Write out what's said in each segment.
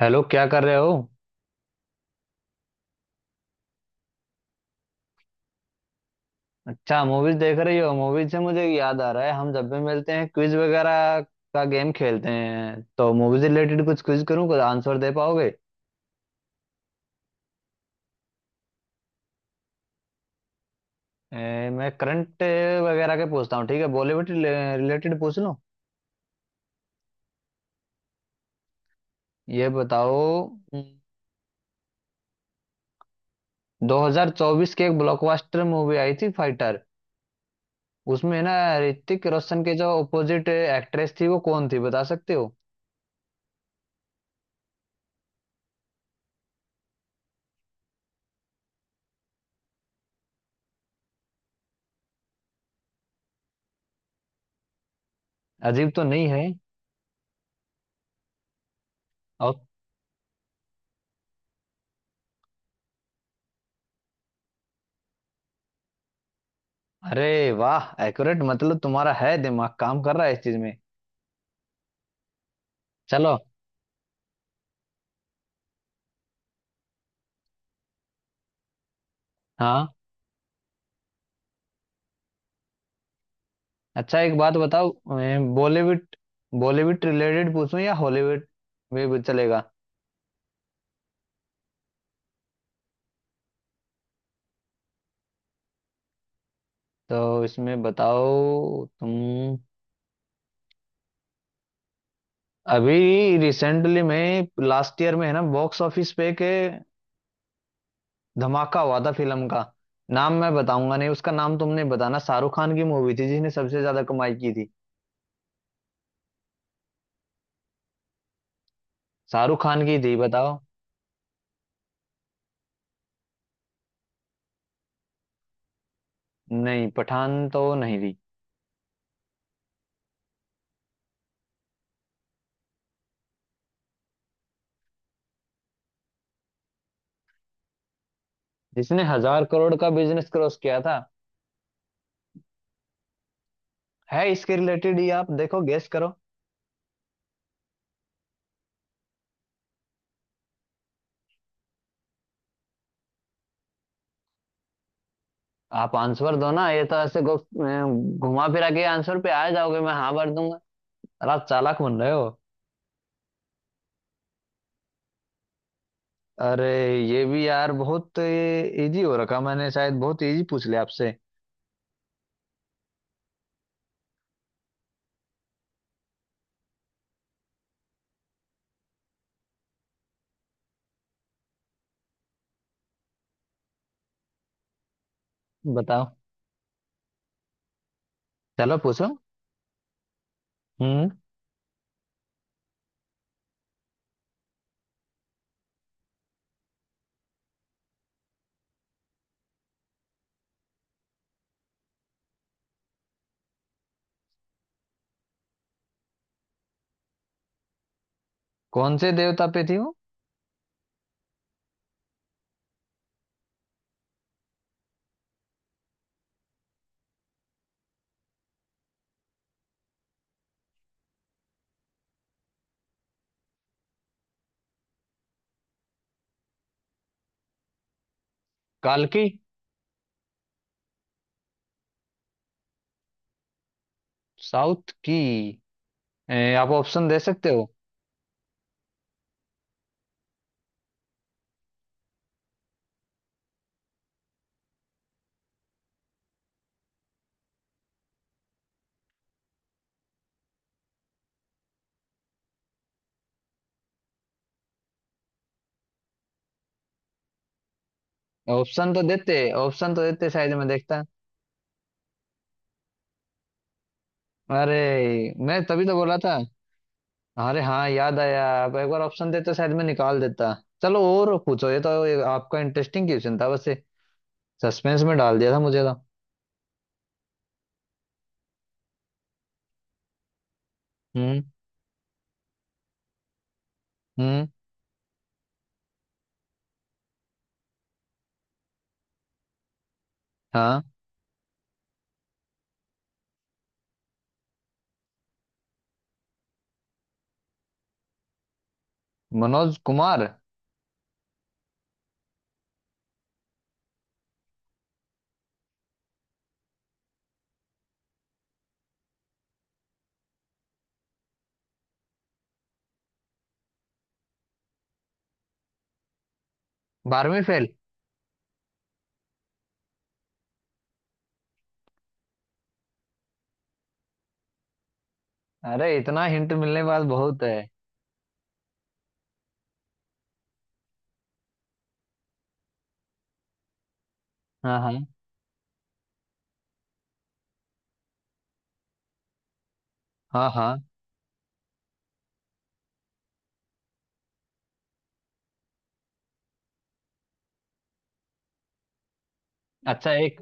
Hello, क्या कर रहे हो। अच्छा, मूवीज देख रही हो। मूवीज से मुझे याद आ रहा है, हम जब भी मिलते हैं क्विज वगैरह का गेम खेलते हैं, तो मूवीज रिलेटेड कुछ क्विज करूँ, कुछ आंसर दे पाओगे। मैं करंट वगैरह के पूछता हूँ, ठीक है बॉलीवुड रिलेटेड पूछ लो। ये बताओ। हम्म, 2024 की एक ब्लॉकबस्टर मूवी आई थी फाइटर। उसमें ना ऋतिक रोशन के जो अपोजिट एक्ट्रेस थी, वो कौन थी बता सकते हो। अजीब तो नहीं है। अरे वाह, एक्यूरेट, मतलब तुम्हारा है दिमाग काम कर रहा है इस चीज में। चलो। हाँ। अच्छा एक बात बताओ, बॉलीवुड बॉलीवुड रिलेटेड पूछूं या हॉलीवुड में भी चलेगा। तो इसमें बताओ तुम, अभी रिसेंटली में लास्ट ईयर में है ना, बॉक्स ऑफिस पे के धमाका हुआ था फिल्म का। नाम मैं बताऊंगा नहीं, उसका नाम तुमने बताना। शाहरुख खान की मूवी थी जिसने सबसे ज्यादा कमाई की थी। शाहरुख खान की थी, बताओ। नहीं, पठान तो नहीं थी। जिसने हजार करोड़ का बिजनेस क्रॉस किया था। है, इसके रिलेटेड ही आप देखो, गेस करो। आप आंसर दो ना, ये तो ऐसे घुमा फिरा के आंसर पे आ जाओगे, मैं हाँ भर दूंगा। और आप चालाक बन रहे हो। अरे ये भी यार बहुत इजी हो रखा, मैंने शायद बहुत इजी पूछ लिया आपसे। बताओ। चलो पूछो। हम्म। कौन से देवता पे थी वो। काल की। साउथ की। आप ऑप्शन दे सकते हो। ऑप्शन तो देते। ऑप्शन तो देते, शायद मैं देखता। अरे मैं तभी तो बोला था। अरे हाँ याद आया, आप एक बार ऑप्शन देते शायद मैं निकाल देता। चलो और पूछो, ये तो ये आपका इंटरेस्टिंग क्वेश्चन था वैसे, सस्पेंस में डाल दिया था मुझे तो। हम्म। हम्म। हाँ। मनोज कुमार। बारहवीं फेल। अरे इतना हिंट मिलने के बाद बहुत है। हाँ हाँ। हाँ हाँ। अच्छा एक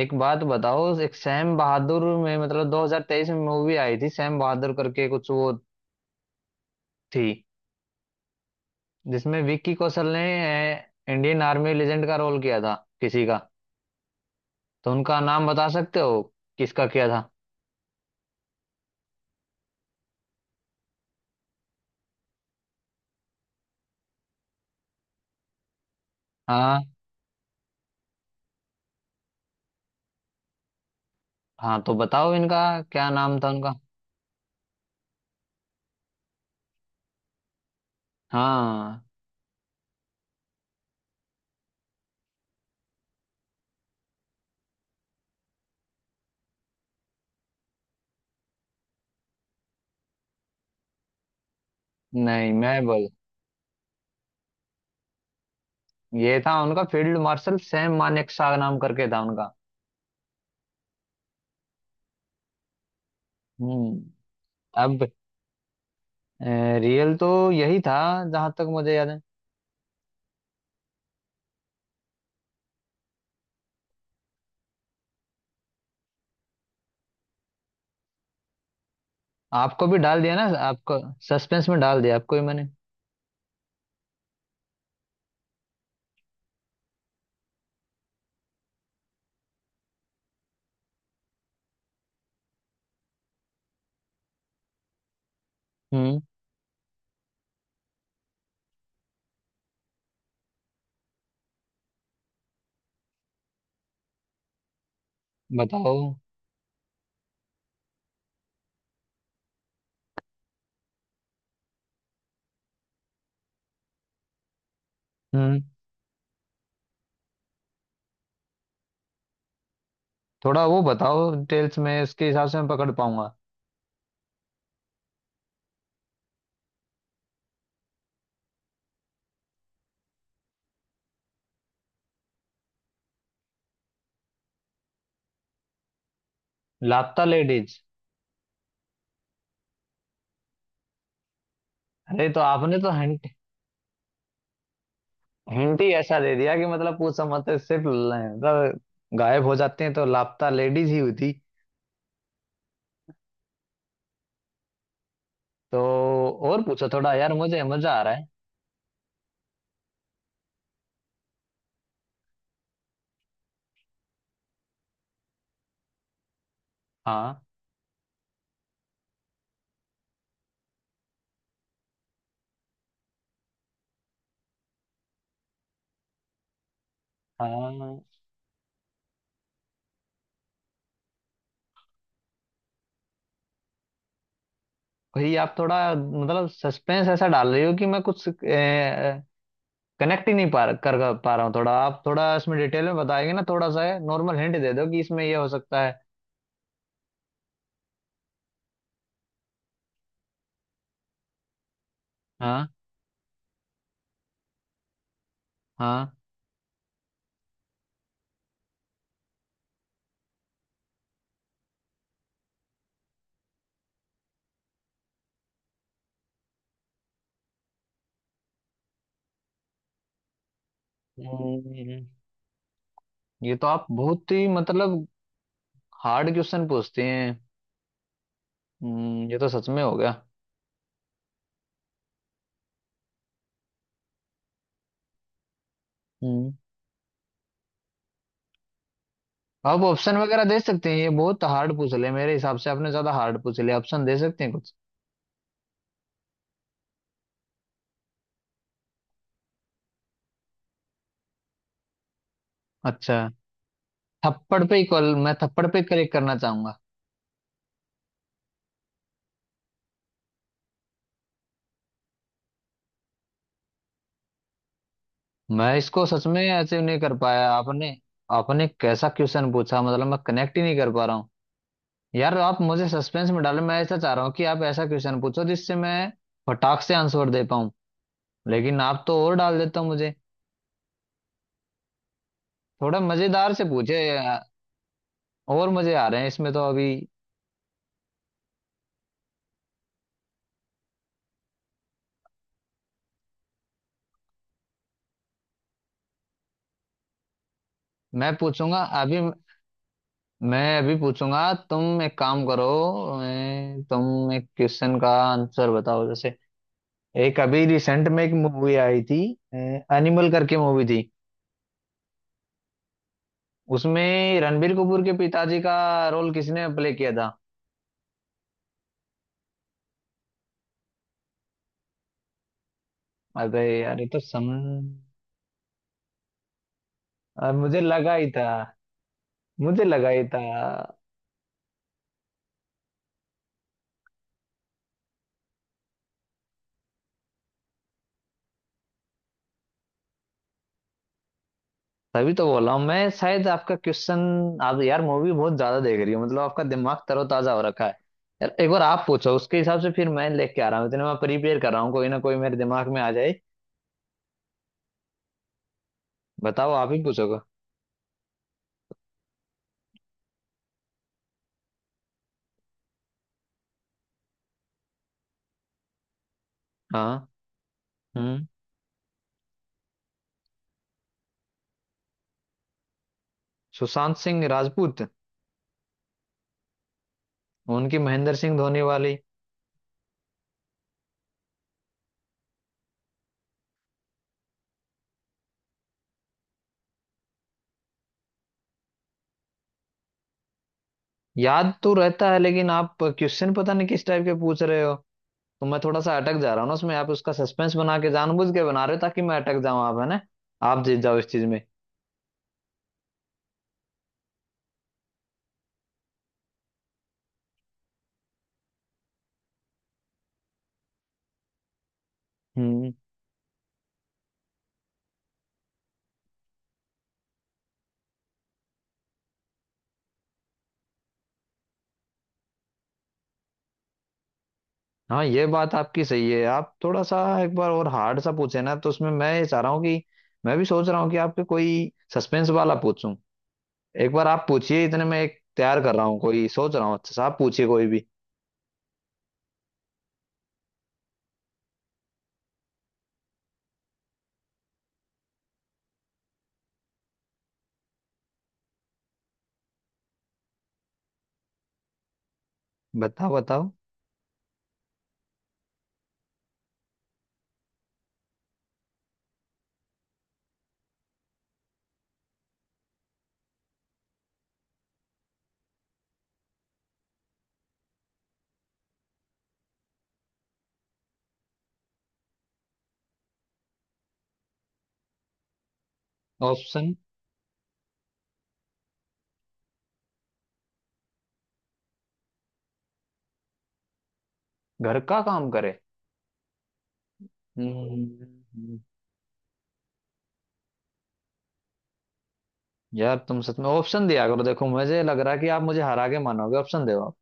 एक बात बताओ, एक सैम बहादुर में, मतलब 2023 में मूवी आई थी सैम बहादुर करके कुछ, वो थी जिसमें विक्की कौशल ने इंडियन आर्मी लेजेंड का रोल किया था किसी का। तो उनका नाम बता सकते हो, किसका किया था। हाँ हाँ तो बताओ इनका, क्या नाम था उनका। हाँ नहीं मैं बोल, ये था उनका फील्ड मार्शल सैम मानेकशॉ नाम करके था उनका। हम्म। अब रियल तो यही था, जहां तक मुझे याद है। आपको भी डाल दिया ना, आपको सस्पेंस में डाल दिया, आपको ही मैंने। हम्म। बताओ। हम्म। थोड़ा वो बताओ डिटेल्स में, इसके हिसाब से मैं पकड़ पाऊंगा। लापता लेडीज। अरे तो आपने तो हिंट, हिंट ही ऐसा दे दिया कि मतलब पूछ समझ तो सिर्फ ल- मतलब गायब हो जाते हैं तो लापता लेडीज ही हुई थी। तो और पूछो थोड़ा, यार मुझे मजा आ रहा है। हाँ हाँ। भाई आप थोड़ा मतलब सस्पेंस ऐसा डाल रही हो कि मैं कुछ कनेक्ट ही नहीं पा रहा हूँ। थोड़ा आप थोड़ा इसमें डिटेल में बताएंगे ना, थोड़ा सा नॉर्मल हिंट दे दो कि इसमें ये हो सकता है। हाँ हाँ। हम्म, ये तो आप बहुत ही मतलब हार्ड क्वेश्चन पूछते हैं। ये तो सच में हो गया। हम्म। आप ऑप्शन वगैरह दे सकते हैं, ये बहुत हार्ड पूछ लिया, मेरे हिसाब से आपने ज्यादा हार्ड पूछ लिया। ऑप्शन दे सकते हैं कुछ। अच्छा, थप्पड़ पे ही कॉल, मैं थप्पड़ पे करेक्ट करना चाहूंगा। मैं इसको सच में ऐसे नहीं कर पाया, आपने आपने कैसा क्वेश्चन पूछा, मतलब मैं कनेक्ट ही नहीं कर पा रहा हूँ। यार आप मुझे सस्पेंस में डालें, मैं ऐसा चाह रहा हूँ कि आप ऐसा क्वेश्चन पूछो जिससे मैं फटाक से आंसर दे पाऊँ, लेकिन आप तो और डाल देते हो मुझे। थोड़ा मजेदार से पूछे, और मजे आ रहे हैं इसमें तो अभी। मैं पूछूंगा अभी, मैं अभी पूछूंगा। तुम एक काम करो, मैं तुम एक क्वेश्चन का आंसर बताओ, जैसे एक अभी रिसेंट में एक मूवी आई थी एनिमल करके मूवी थी, उसमें रणबीर कपूर के पिताजी का रोल किसने प्ले किया था। अबे यार ये तो समझ। मुझे लगा ही था। मुझे लगा ही था, तभी तो बोला हूँ मैं शायद। आपका क्वेश्चन, आप यार मूवी बहुत ज्यादा देख रही हो, मतलब आपका दिमाग तरोताजा हो रखा है। यार एक बार आप पूछो, उसके हिसाब से फिर मैं लेके आ रहा हूँ, इतने मैं प्रिपेयर कर रहा हूँ, कोई ना कोई मेरे दिमाग में आ जाए। बताओ, आप ही पूछोगे। हाँ। हम्म। सुशांत सिंह राजपूत, उनकी महेंद्र सिंह धोनी वाली। याद तो रहता है, लेकिन आप क्वेश्चन पता नहीं किस टाइप के पूछ रहे हो, तो मैं थोड़ा सा अटक जा रहा हूँ ना उसमें। आप उसका सस्पेंस बना के जानबूझ के बना रहे हो, ताकि मैं अटक जाऊं, आप है ना, आप जीत जाओ इस चीज में। हम्म। हाँ ये बात आपकी सही है। आप थोड़ा सा एक बार और हार्ड सा पूछे ना, तो उसमें मैं ये चाह रहा हूँ कि, मैं भी सोच रहा हूँ कि आपके कोई सस्पेंस वाला पूछूं। एक बार आप पूछिए, इतने में एक तैयार कर रहा हूँ, कोई सोच रहा हूँ अच्छा सा, आप पूछिए कोई भी। बताओ बताओ। ऑप्शन। घर का काम करे। हम्म। यार तुम सच में ऑप्शन दिया करो, देखो मुझे लग रहा है कि आप मुझे हरा के मानोगे, ऑप्शन दो आप।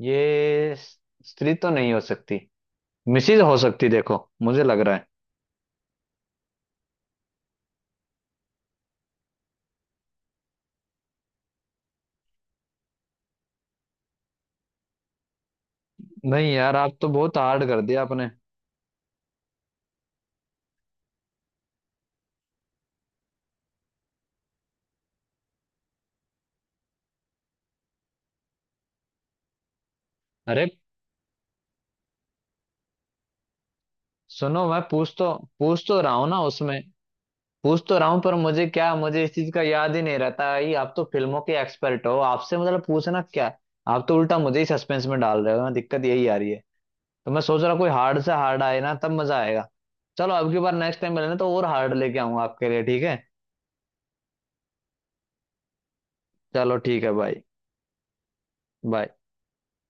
ये स्त्री तो नहीं हो सकती, मिसिज हो सकती देखो, मुझे लग रहा है। नहीं यार, आप तो बहुत हार्ड कर दिया आपने। अरे सुनो, मैं पूछ तो, पूछ तो रहा हूँ ना उसमें, पूछ तो रहा हूँ, पर मुझे क्या, मुझे इस चीज का याद ही नहीं रहता है। आप तो फिल्मों के एक्सपर्ट हो, आपसे मतलब पूछना क्या है? आप तो उल्टा मुझे ही सस्पेंस में डाल रहे हो ना, दिक्कत यही आ रही है। तो मैं सोच रहा कोई हार्ड से हार्ड आए ना तब मजा आएगा। चलो अब की बार, नेक्स्ट टाइम मिलना तो और हार्ड लेके आऊंगा आपके लिए, ठीक है। चलो ठीक है भाई। बाय।